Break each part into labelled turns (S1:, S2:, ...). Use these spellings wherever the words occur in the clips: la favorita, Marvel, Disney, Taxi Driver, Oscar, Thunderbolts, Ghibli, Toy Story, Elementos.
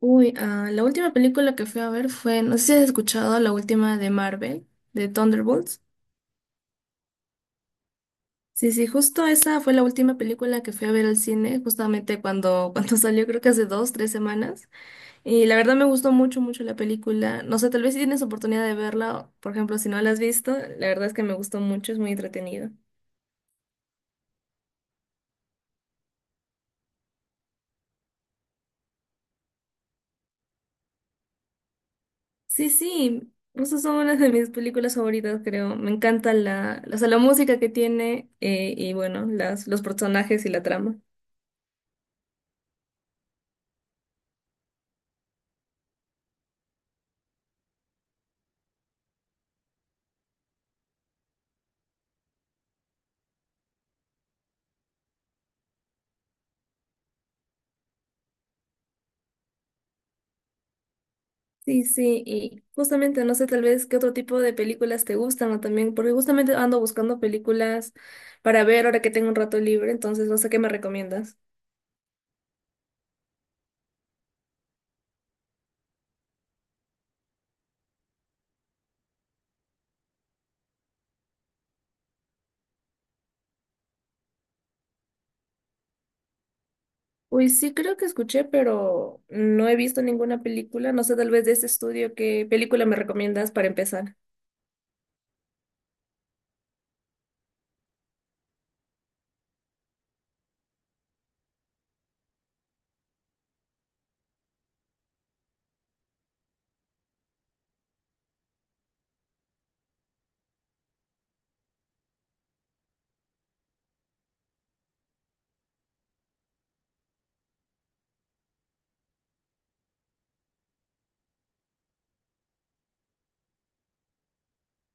S1: La última película que fui a ver fue, no sé si has escuchado, la última de Marvel, de Thunderbolts. Sí, sí, justo esa fue la última película que fui a ver al cine, justamente cuando, cuando salió, creo que hace dos, tres semanas. Y la verdad me gustó mucho, mucho la película. No sé, tal vez si tienes oportunidad de verla, por ejemplo, si no la has visto, la verdad es que me gustó mucho, es muy entretenido. Sí, sí, justo son una de mis películas favoritas, creo. Me encanta o sea, la música que tiene, y bueno, las, los personajes y la trama. Sí, sí, y justamente no sé tal vez qué otro tipo de películas te gustan o también, porque justamente ando buscando películas para ver ahora que tengo un rato libre, entonces no sé qué me recomiendas. Uy, sí, creo que escuché, pero no he visto ninguna película, no sé tal vez de este estudio qué película me recomiendas para empezar.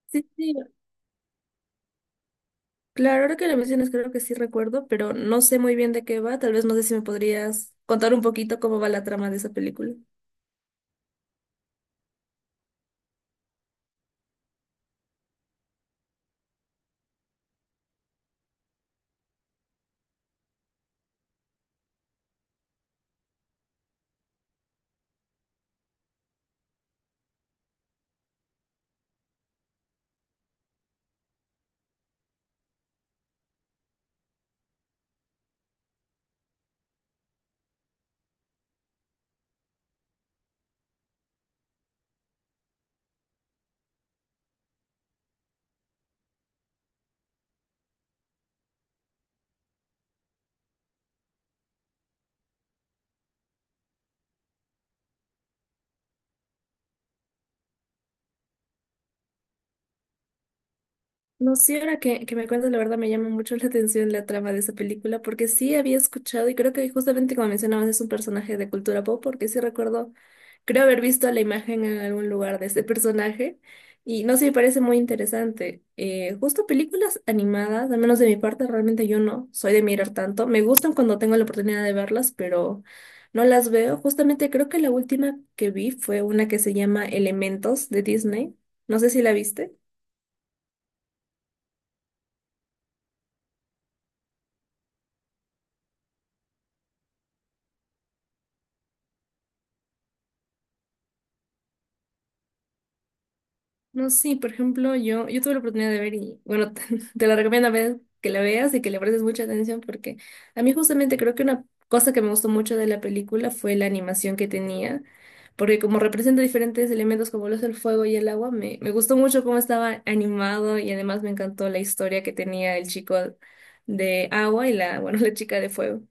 S1: Sí, sí, claro, ahora que lo mencionas creo que sí recuerdo, pero no sé muy bien de qué va, tal vez no sé si me podrías contar un poquito cómo va la trama de esa película. No sé, ahora que me cuentas, la verdad me llama mucho la atención la trama de esa película, porque sí había escuchado, y creo que justamente como mencionabas, es un personaje de cultura pop, porque sí recuerdo, creo haber visto la imagen en algún lugar de ese personaje, y no sé, me parece muy interesante. Justo películas animadas, al menos de mi parte, realmente yo no soy de mirar tanto. Me gustan cuando tengo la oportunidad de verlas, pero no las veo. Justamente creo que la última que vi fue una que se llama Elementos de Disney. No sé si la viste. No, sí, por ejemplo, yo tuve la oportunidad de ver y, bueno, te la recomiendo, a ver que la veas y que le prestes mucha atención, porque a mí justamente creo que una cosa que me gustó mucho de la película fue la animación que tenía, porque como representa diferentes elementos como lo es el fuego y el agua, me gustó mucho cómo estaba animado y además me encantó la historia que tenía el chico de agua y la, bueno, la chica de fuego.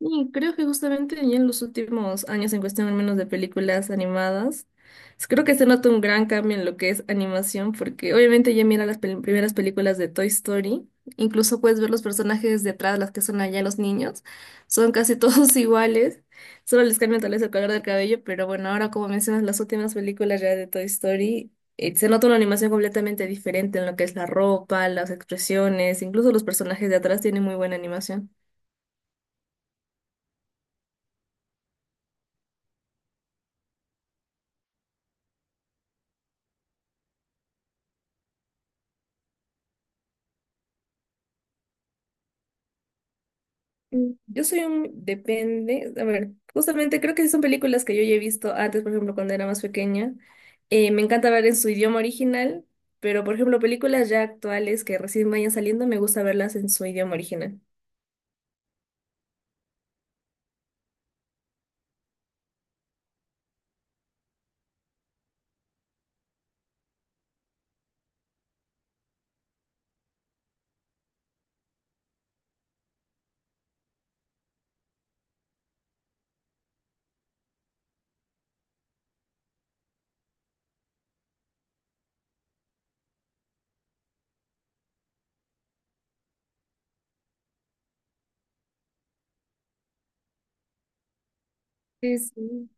S1: Y creo que justamente ya en los últimos años, en cuestión al menos de películas animadas, creo que se nota un gran cambio en lo que es animación, porque obviamente ya mira las primeras películas de Toy Story, incluso puedes ver los personajes detrás, las que son allá los niños, son casi todos iguales, solo les cambian tal vez el color del cabello, pero bueno, ahora como mencionas las últimas películas ya de Toy Story, se nota una animación completamente diferente en lo que es la ropa, las expresiones, incluso los personajes de atrás tienen muy buena animación. Yo soy un... Depende. A ver, justamente creo que son películas que yo ya he visto antes, por ejemplo, cuando era más pequeña. Me encanta ver en su idioma original, pero por ejemplo, películas ya actuales que recién vayan saliendo, me gusta verlas en su idioma original. Sí, sí.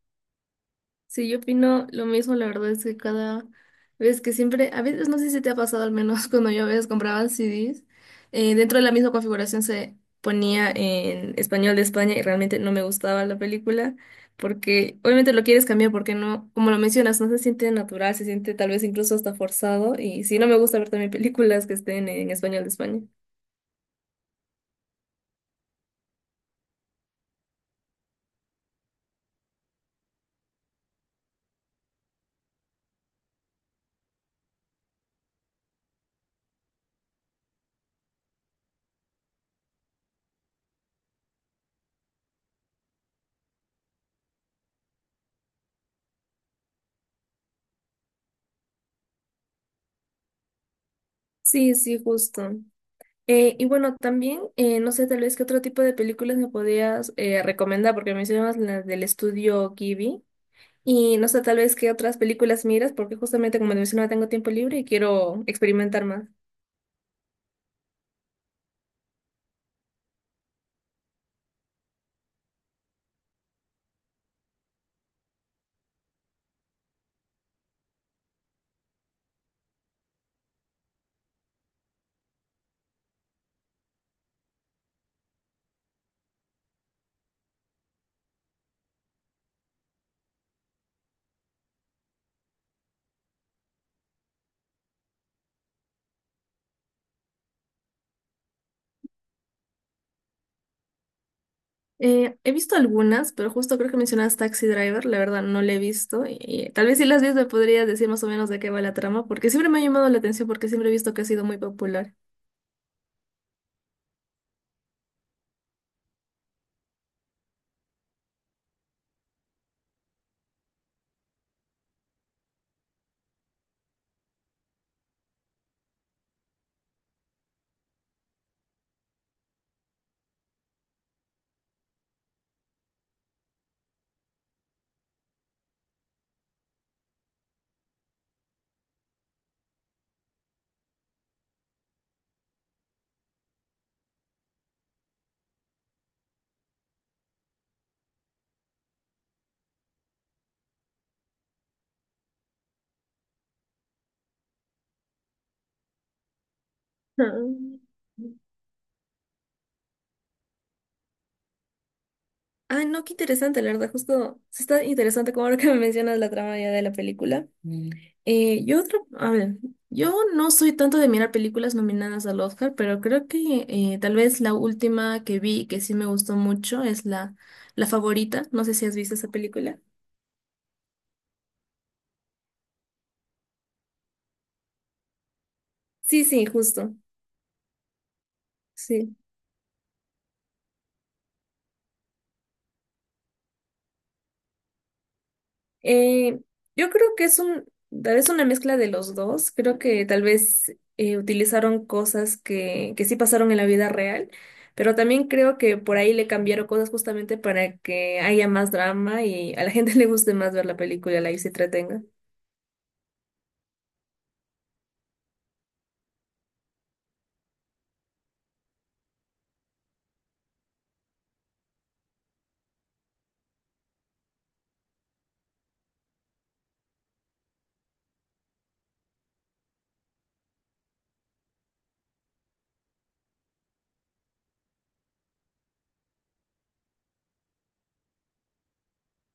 S1: Sí, yo opino lo mismo, la verdad es que cada vez que siempre, a veces no sé si te ha pasado al menos cuando yo a veces compraba CDs, dentro de la misma configuración se ponía en español de España y realmente no me gustaba la película porque obviamente lo quieres cambiar porque no, como lo mencionas, no se siente natural, se siente tal vez incluso hasta forzado y sí, no me gusta ver también películas que estén en español de España. Sí, sí, justo. Y bueno, también, no sé, tal vez qué otro tipo de películas me podías, recomendar, porque mencionabas las del estudio Ghibli. Y no sé, tal vez qué otras películas miras, porque justamente como te mencionaba, tengo tiempo libre y quiero experimentar más. He visto algunas, pero justo creo que mencionabas Taxi Driver, la verdad no la he visto. Y, tal vez si las ves me podrías decir más o menos de qué va la trama, porque siempre me ha llamado la atención, porque siempre he visto que ha sido muy popular. Ah. Ah, no, qué interesante, la verdad, justo sí está interesante como ahora que me mencionas la trama ya de la película. Mm. A ver, yo no soy tanto de mirar películas nominadas al Oscar, pero creo que, tal vez la última que vi que sí me gustó mucho es la favorita. No sé si has visto esa película. Sí, sí, justo. Sí. Eh, yo creo que es un, tal vez una mezcla de los dos. Creo que tal vez, utilizaron cosas que sí pasaron en la vida real, pero también creo que por ahí le cambiaron cosas justamente para que haya más drama y a la gente le guste más ver la película, la y se entretenga.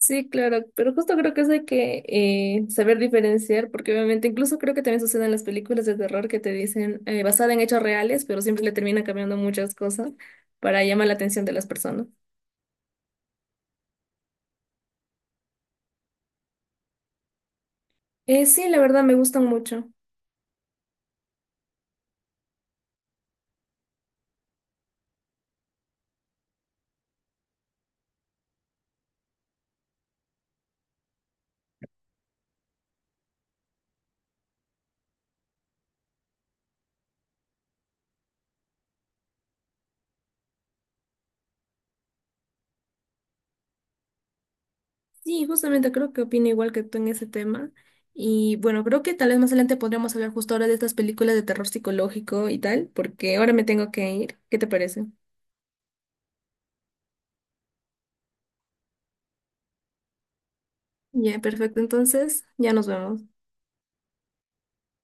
S1: Sí, claro, pero justo creo que eso hay que, saber diferenciar, porque obviamente incluso creo que también sucede en las películas de terror que te dicen, basada en hechos reales, pero siempre le terminan cambiando muchas cosas para llamar la atención de las personas. Sí, la verdad me gustan mucho. Sí, justamente creo que opino igual que tú en ese tema. Y bueno, creo que tal vez más adelante podríamos hablar justo ahora de estas películas de terror psicológico y tal, porque ahora me tengo que ir. ¿Qué te parece? Ya, perfecto. Entonces, ya nos vemos.